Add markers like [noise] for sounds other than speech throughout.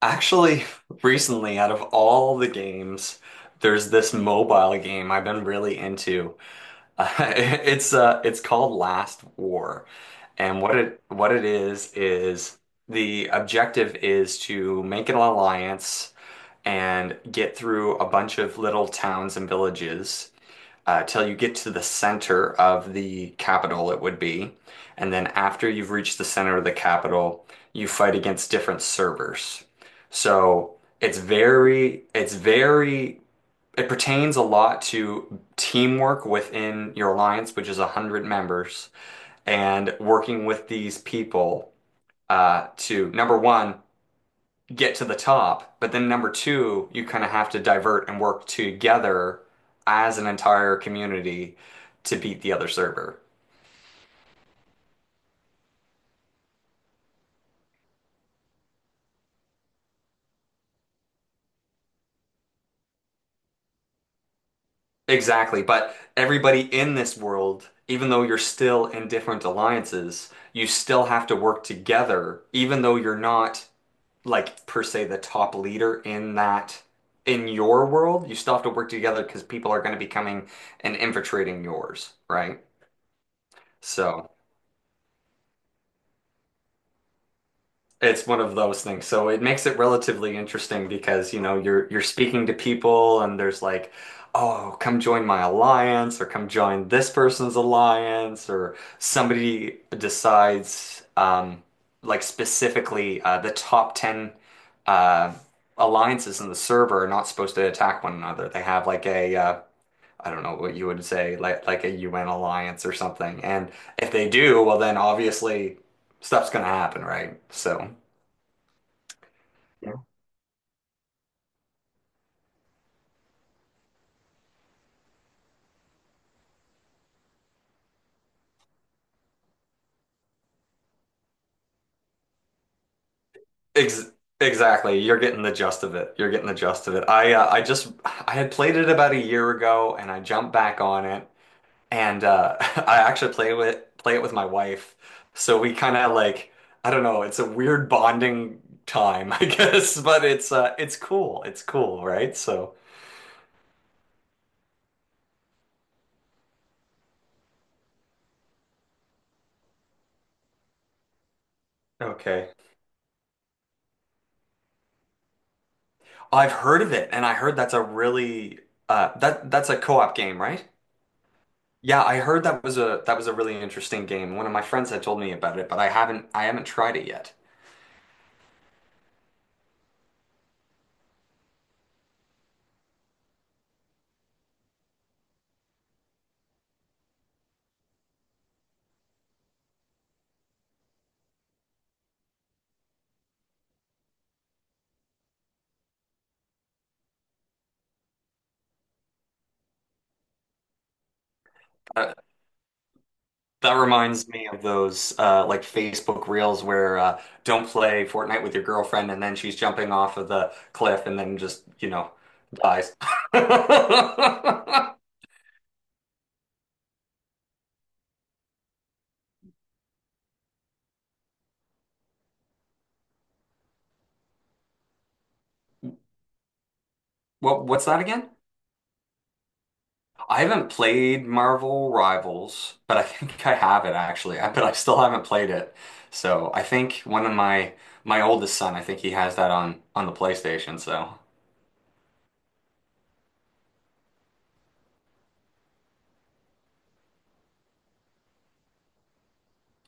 Actually, recently, out of all the games, there's this mobile game I've been really into. Uh, [laughs] it's called Last War, and what it is is the objective is to make an alliance and get through a bunch of little towns and villages till you get to the center of the capital, it would be. And then after you've reached the center of the capital, you fight against different servers. So it's very, it pertains a lot to teamwork within your alliance, which is 100 members, and working with these people to, number one, get to the top, but then number two, you kind of have to divert and work together as an entire community to beat the other server. Exactly, but everybody in this world, even though you're still in different alliances, you still have to work together, even though you're not like per se the top leader in that in your world, you still have to work together because people are going to be coming and infiltrating yours, right? So. It's one of those things. So it makes it relatively interesting because, you know, you're speaking to people and there's like, oh, come join my alliance or come join this person's alliance or somebody decides specifically the top 10 uh alliances in the server are not supposed to attack one another. They have like a I don't know what you would say, like a UN alliance or something. And if they do, well then obviously stuff's gonna happen, right? So Ex exactly. You're getting the gist of it. You're getting the gist of it. I had played it about a year ago and I jumped back on it and [laughs] I actually play it with my wife. So we kind of like I don't know, it's a weird bonding time, [laughs] I guess, but it's cool. It's cool, right? So okay. I've heard of it and I heard that's a really that's a co-op game, right? Yeah, I heard that was a really interesting game. One of my friends had told me about it, but I haven't tried it yet. Uh, that reminds me of those like Facebook Reels where don't play Fortnite with your girlfriend, and then she's jumping off of the cliff and then just, you know, dies. [laughs] What's that again? I haven't played Marvel Rivals, but I [laughs] think I have it actually. I, but I still haven't played it. So I think one of my oldest son, I think he has that on the PlayStation. So.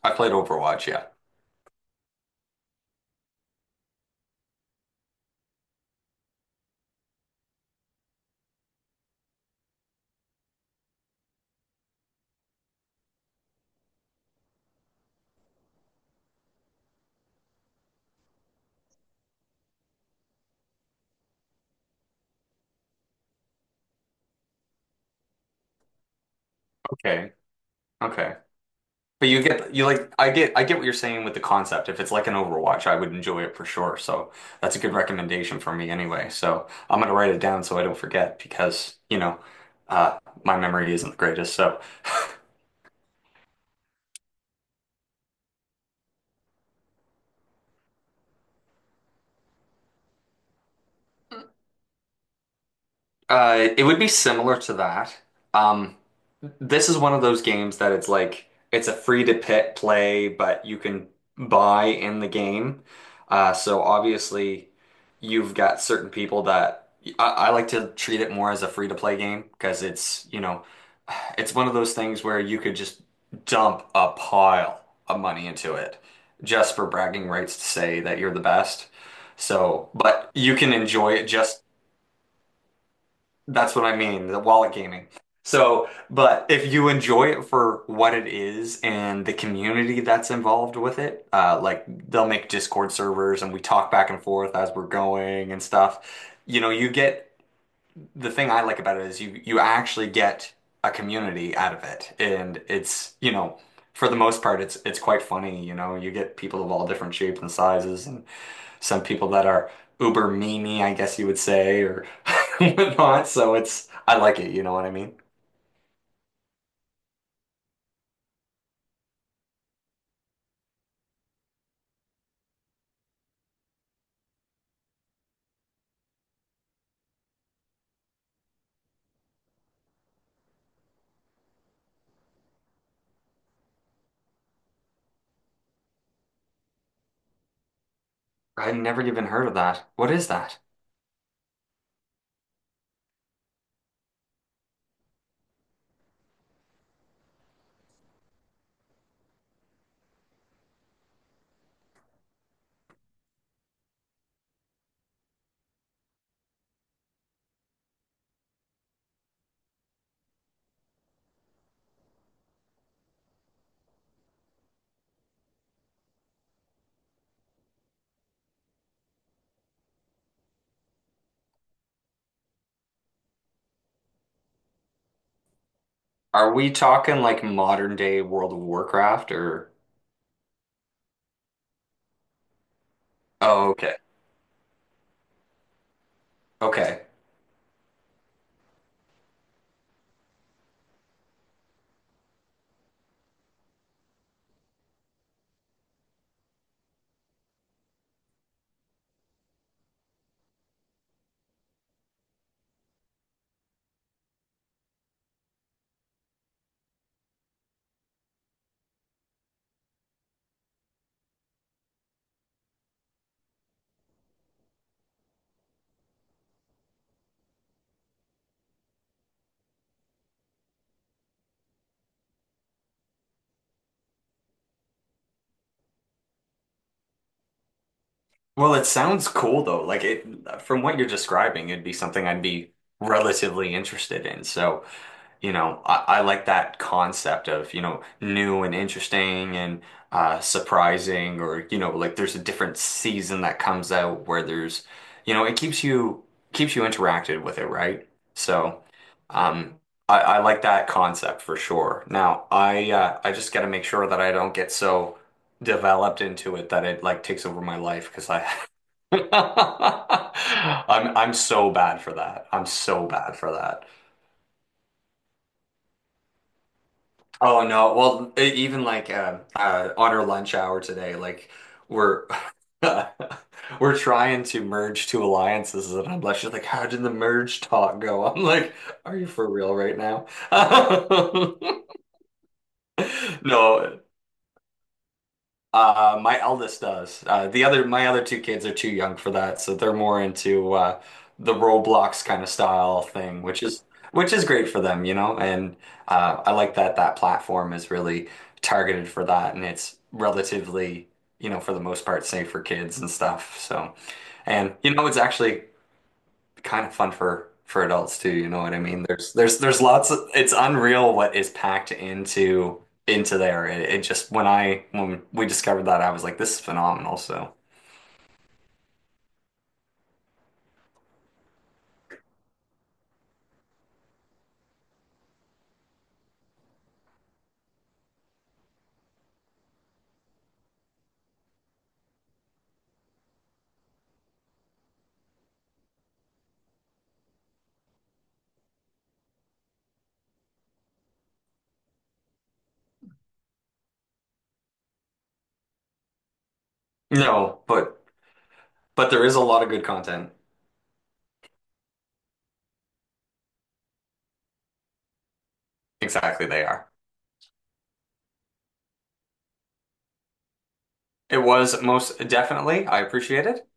I played Overwatch, yeah. Okay. Okay. But you get you like I get what you're saying with the concept. If it's like an Overwatch, I would enjoy it for sure. So that's a good recommendation for me anyway. So I'm gonna write it down so I don't forget because, you know, uh my memory isn't the greatest. So uh, it would be similar to that. Um, this is one of those games that it's like it's a free to pit play, but you can buy in the game. So obviously, you've got certain people that I like to treat it more as a free to play game because it's you know it's one of those things where you could just dump a pile of money into it just for bragging rights to say that you're the best. So, but you can enjoy it just that's what I mean, the wallet gaming. So, but if you enjoy it for what it is and the community that's involved with it, like they'll make Discord servers and we talk back and forth as we're going and stuff. You know, you get the thing I like about it is you actually get a community out of it, and it's you know for the most part it's quite funny. You know, you get people of all different shapes and sizes, and some people that are uber memey, I guess you would say, or [laughs] whatnot. So it's, I like it, you know what I mean? I've never even heard of that. What is that? Are we talking like modern day World of Warcraft or? Oh, okay. Okay. Well, it sounds cool though. Like it, from what you're describing, it'd be something I'd be relatively interested in. So. You know, I like that concept of, you know, new and interesting and surprising, or, you know, like there's a different season that comes out where there's, you know, it keeps you interacted with it, right? So, um, I like that concept for sure. Now, I just got to make sure that I don't get so developed into it that it like takes over my life because I [laughs] I'm so bad for that. I'm so bad for that. Oh no. Well, even like on our lunch hour today, like we're [laughs] we're trying to merge two alliances, and I'm like, she's like, how did the merge talk go? I'm like, are you for real right now? [laughs] No, my eldest does. The other, my other two kids are too young for that, so they're more into the Roblox kind of style thing, which is great for them, you know. And I like that that platform is really targeted for that, and it's relatively, you know, for the most part, safe for kids and stuff. So, and you know, it's actually kind of fun for adults too, you know what I mean? There's lots of, it's unreal what is packed into there. It just when I when we discovered that I was like this is phenomenal. So no, but there is a lot of good content. Exactly, they are. It was most definitely. I appreciate it.